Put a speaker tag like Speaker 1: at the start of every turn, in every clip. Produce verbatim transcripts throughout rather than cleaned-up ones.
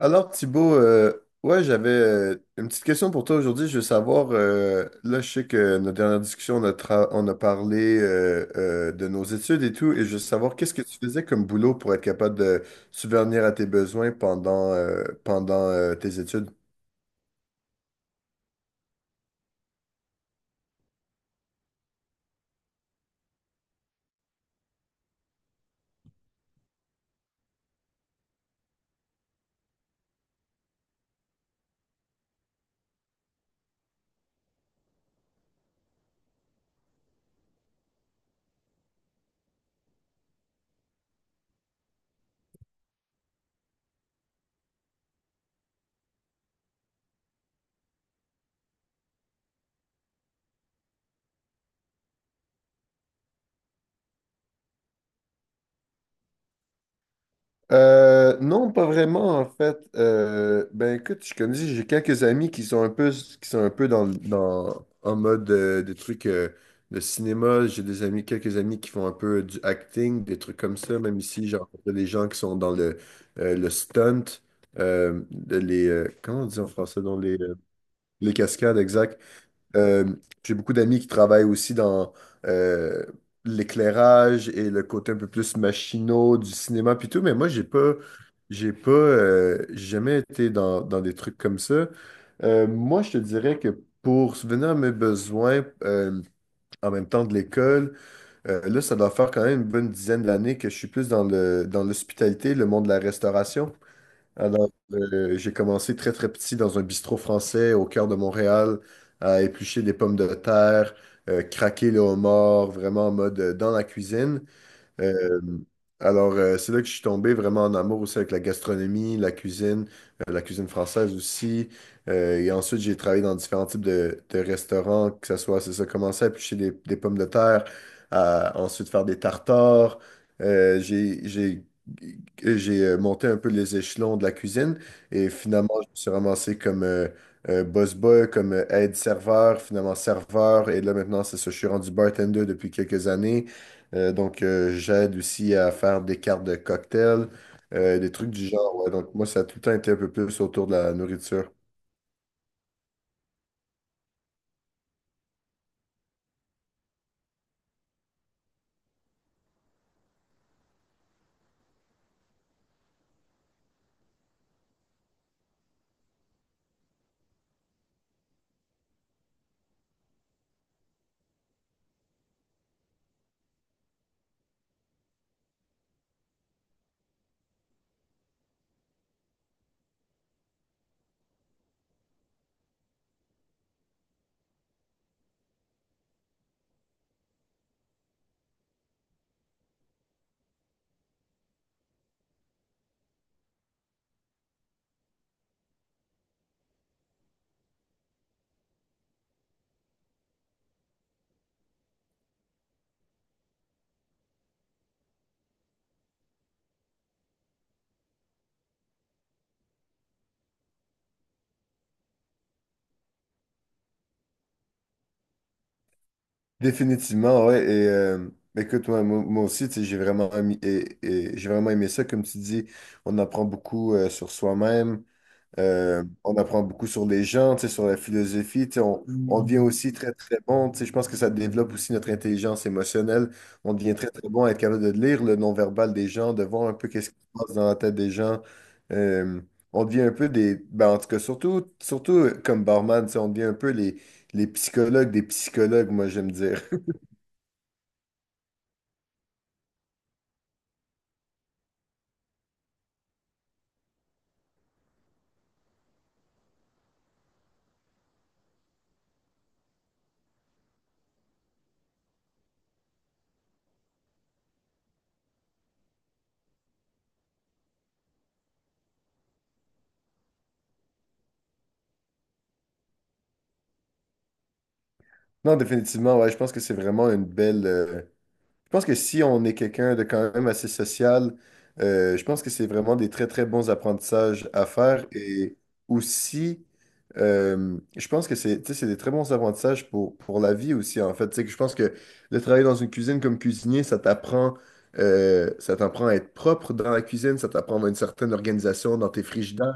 Speaker 1: Alors Thibaut, euh, ouais, j'avais euh, une petite question pour toi aujourd'hui. Je veux savoir, euh, là je sais que notre dernière discussion, on a, tra- on a parlé euh, euh, de nos études et tout, et je veux savoir qu'est-ce que tu faisais comme boulot pour être capable de subvenir à tes besoins pendant, euh, pendant euh, tes études. Euh, non, pas vraiment en fait. Euh, ben écoute, je connais, j'ai quelques amis qui sont un peu, qui sont un peu dans, dans en mode euh, des trucs euh, de cinéma. J'ai des amis, quelques amis qui font un peu du acting, des trucs comme ça. Même ici, j'ai rencontré des gens qui sont dans le euh, le stunt, euh, de les euh, comment on dit en français, dans les euh, les cascades, exact. Euh, j'ai beaucoup d'amis qui travaillent aussi dans euh, l'éclairage et le côté un peu plus machinot du cinéma puis tout, mais moi j'ai pas j'ai pas euh, j'ai jamais été dans, dans des trucs comme ça. Euh, moi je te dirais que pour subvenir à mes besoins euh, en même temps de l'école, euh, là ça doit faire quand même une bonne dizaine d'années que je suis plus dans le dans l'hospitalité, le monde de la restauration. Alors, euh, j'ai commencé très très petit dans un bistrot français au cœur de Montréal à éplucher des pommes de terre, euh, craquer le homard, vraiment en mode euh, dans la cuisine. Euh, alors, euh, c'est là que je suis tombé vraiment en amour aussi avec la gastronomie, la cuisine, euh, la cuisine française aussi. Euh, et ensuite, j'ai travaillé dans différents types de, de restaurants, que ce soit, c'est ça, commencer à éplucher des, des pommes de terre, à ensuite faire des tartares. Euh, j'ai, j'ai, j'ai euh, Monté un peu les échelons de la cuisine et finalement, je me suis ramassé comme euh, euh, boss boy, comme euh, aide-serveur, finalement serveur. Et là, maintenant, c'est ça, je suis rendu bartender depuis quelques années. Euh, donc, euh, j'aide aussi à faire des cartes de cocktails, euh, des trucs du genre. Ouais. Donc, moi, ça a tout le temps été un peu plus autour de la nourriture. Définitivement, ouais. Et euh, écoute, moi, moi- moi aussi, tu sais, j'ai vraiment, ami- et- et j'ai vraiment aimé ça. Comme tu dis, on apprend beaucoup euh, sur soi-même. Euh, on apprend beaucoup sur les gens, tu sais, sur la philosophie. Tu sais, On, on devient aussi très, très bon. Tu sais, je pense que ça développe aussi notre intelligence émotionnelle. On devient très, très bon à être capable de lire le non-verbal des gens, de voir un peu qu'est-ce qui se passe dans la tête des gens. Euh, on devient un peu des... ben, en tout cas, surtout, surtout euh, comme barman, tu sais, on devient un peu les, les psychologues des psychologues, moi, j'aime dire. Non, définitivement, ouais, je pense que c'est vraiment une belle... euh, Je pense que si on est quelqu'un de quand même assez social, euh, je pense que c'est vraiment des très, très bons apprentissages à faire. Et aussi, euh, je pense que c'est, tu sais, c'est des très bons apprentissages pour, pour la vie aussi, en fait. Tu sais, que je pense que de travailler dans une cuisine comme cuisinier, ça t'apprend, euh, ça t'apprend à être propre dans la cuisine, ça t'apprend à une certaine organisation dans tes frigidaires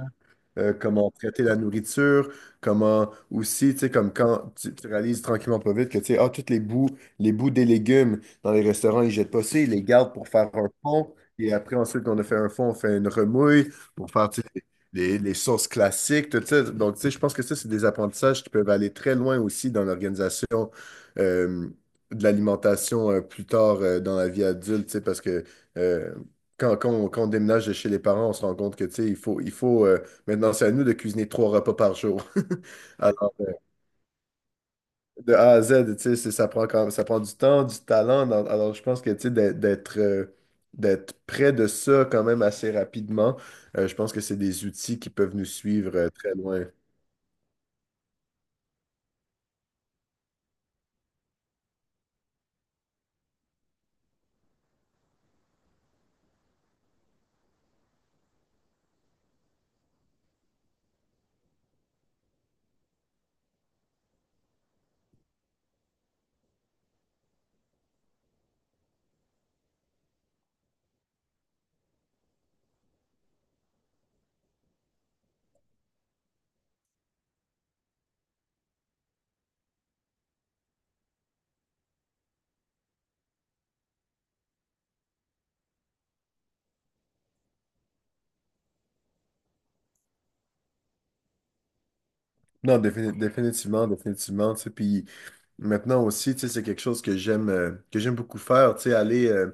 Speaker 1: euh, comment traiter la nourriture, comment aussi, tu sais, comme quand tu, tu réalises tranquillement pas vite que, tu sais, ah, toutes les bouts, les bouts des légumes dans les restaurants, ils jettent pas ça, ils les gardent pour faire un fond. Et après, ensuite qu'on a fait un fond, on fait une remouille pour faire, tu sais, les, les sauces classiques, tout ça. Donc, tu sais, je pense que ça, c'est des apprentissages qui peuvent aller très loin aussi dans l'organisation euh, de l'alimentation euh, plus tard euh, dans la vie adulte, tu sais, parce que euh, quand, quand on, quand on déménage de chez les parents, on se rend compte que, tu sais, il faut, il faut euh, maintenant, c'est à nous de cuisiner trois repas par jour. Alors, de A à Z, tu sais, c'est- ça prend quand ça prend du temps, du talent. Dans- alors, je pense que, tu sais, d'être d'être euh, d'être près de ça quand même assez rapidement, euh, je pense que c'est des outils qui peuvent nous suivre euh, très loin. Non, défini- définitivement, définitivement, tu sais. Puis maintenant aussi, tu sais, c'est quelque chose que j'aime euh, que j'aime beaucoup faire, tu sais, aller... euh,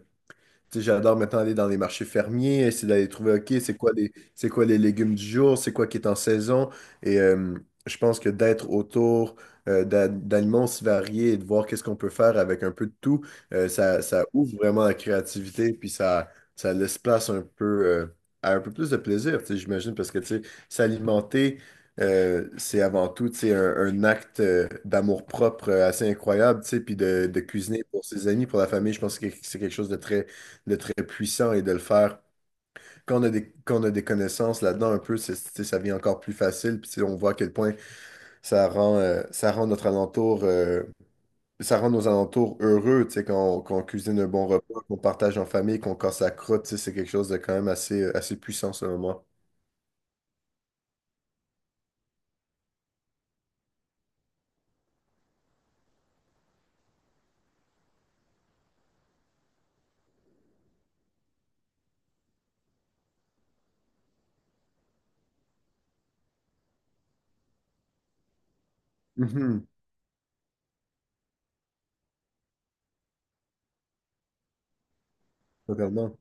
Speaker 1: Tu sais, j'adore maintenant aller dans les marchés fermiers, essayer d'aller trouver, OK, c'est quoi les, c'est quoi les légumes du jour, c'est quoi qui est en saison. Et euh, je pense que d'être autour euh, d'a- d'aliments aussi variés et de voir qu'est-ce qu'on peut faire avec un peu de tout, euh, ça, ça ouvre vraiment la créativité, puis ça, ça laisse place un peu euh, à un peu plus de plaisir, tu sais, j'imagine, parce que tu sais, s'alimenter, euh, c'est avant tout tu sais, un, un acte euh, d'amour-propre euh, assez incroyable, tu sais, puis de, de cuisiner pour ses amis, pour la famille, je pense que c'est quelque chose de très de très puissant et de le faire. Quand on a des, quand on a des connaissances là-dedans, un peu, c'est- c'est- ça devient encore plus facile. Puis tu sais, on voit à quel point ça rend, euh, ça rend notre alentour, euh, ça rend nos alentours heureux. Tu sais, quand on, quand on cuisine un bon repas, qu'on partage en famille, qu'on casse la croûte, tu sais, c'est quelque chose de quand même assez, euh, assez puissant selon moi. Mhm, totalement.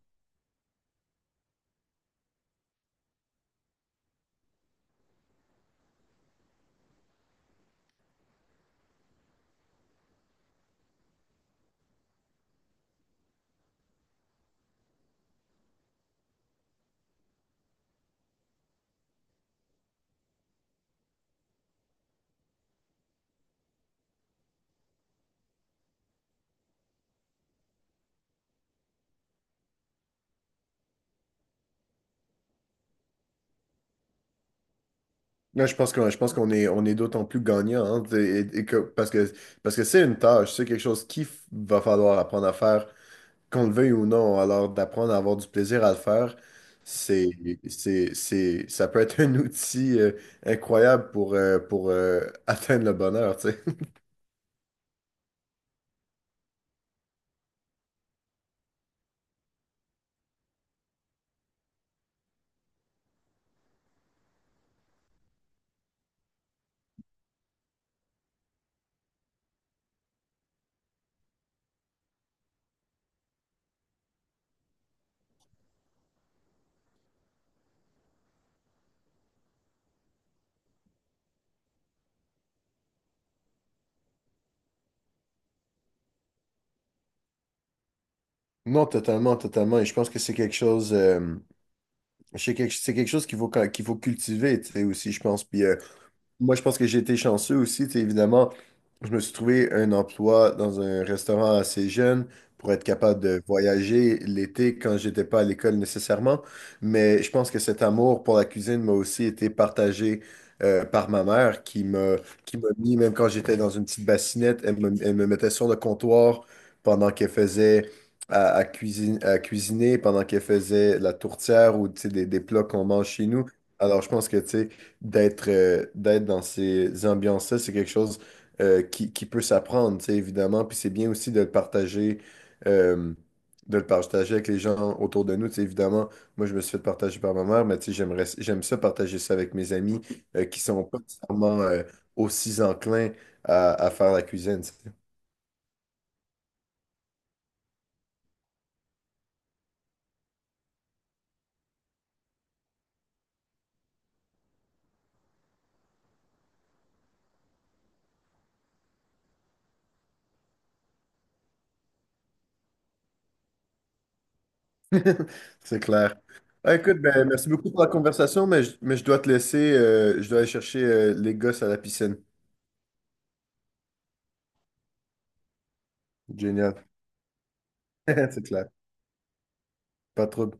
Speaker 1: Là, je pense qu'on, je pense qu'on est, on est d'autant plus gagnant, hein, et- et que- parce que, parce que c'est une tâche, c'est quelque chose qu'il f- va falloir apprendre à faire qu'on le veuille ou non. Alors, d'apprendre à avoir du plaisir à le faire, c'est, c'est, c'est, ça peut être un outil euh, incroyable pour, euh, pour euh, atteindre le bonheur, tu sais. Non, totalement, totalement. Et je pense que c'est quelque chose, euh, c'est quelque, c'est quelque chose qu'il faut, qu'il faut cultiver, tu sais, aussi, je pense. Puis, euh, moi, je pense que j'ai été chanceux aussi. Tu sais, évidemment, je me suis trouvé un emploi dans un restaurant assez jeune pour être capable de voyager l'été quand j'étais pas à l'école nécessairement. Mais je pense que cet amour pour la cuisine m'a aussi été partagé euh, par ma mère qui m'a qui m'a mis, même quand j'étais dans une petite bassinette, elle me, elle me mettait sur le comptoir pendant qu'elle faisait à, à cuisine, à cuisiner, pendant qu'elle faisait la tourtière ou tu sais, des, des plats qu'on mange chez nous. Alors, je pense que tu sais, d'être euh, d'être dans ces ambiances-là, c'est quelque chose euh, qui, qui peut s'apprendre, tu sais, évidemment. Puis c'est bien aussi de le partager, euh, de le partager avec les gens autour de nous. Tu sais, évidemment, moi, je me suis fait partager par ma mère, mais tu sais, j'aimerais, j'aime ça partager ça avec mes amis euh, qui sont pas nécessairement euh, aussi enclins à, à faire la cuisine. Tu sais. C'est clair. Ah, écoute, ben, merci beaucoup pour la conversation, mais je, mais je dois te laisser. Euh, je dois aller chercher euh, les gosses à la piscine. Génial. C'est clair. Pas trop.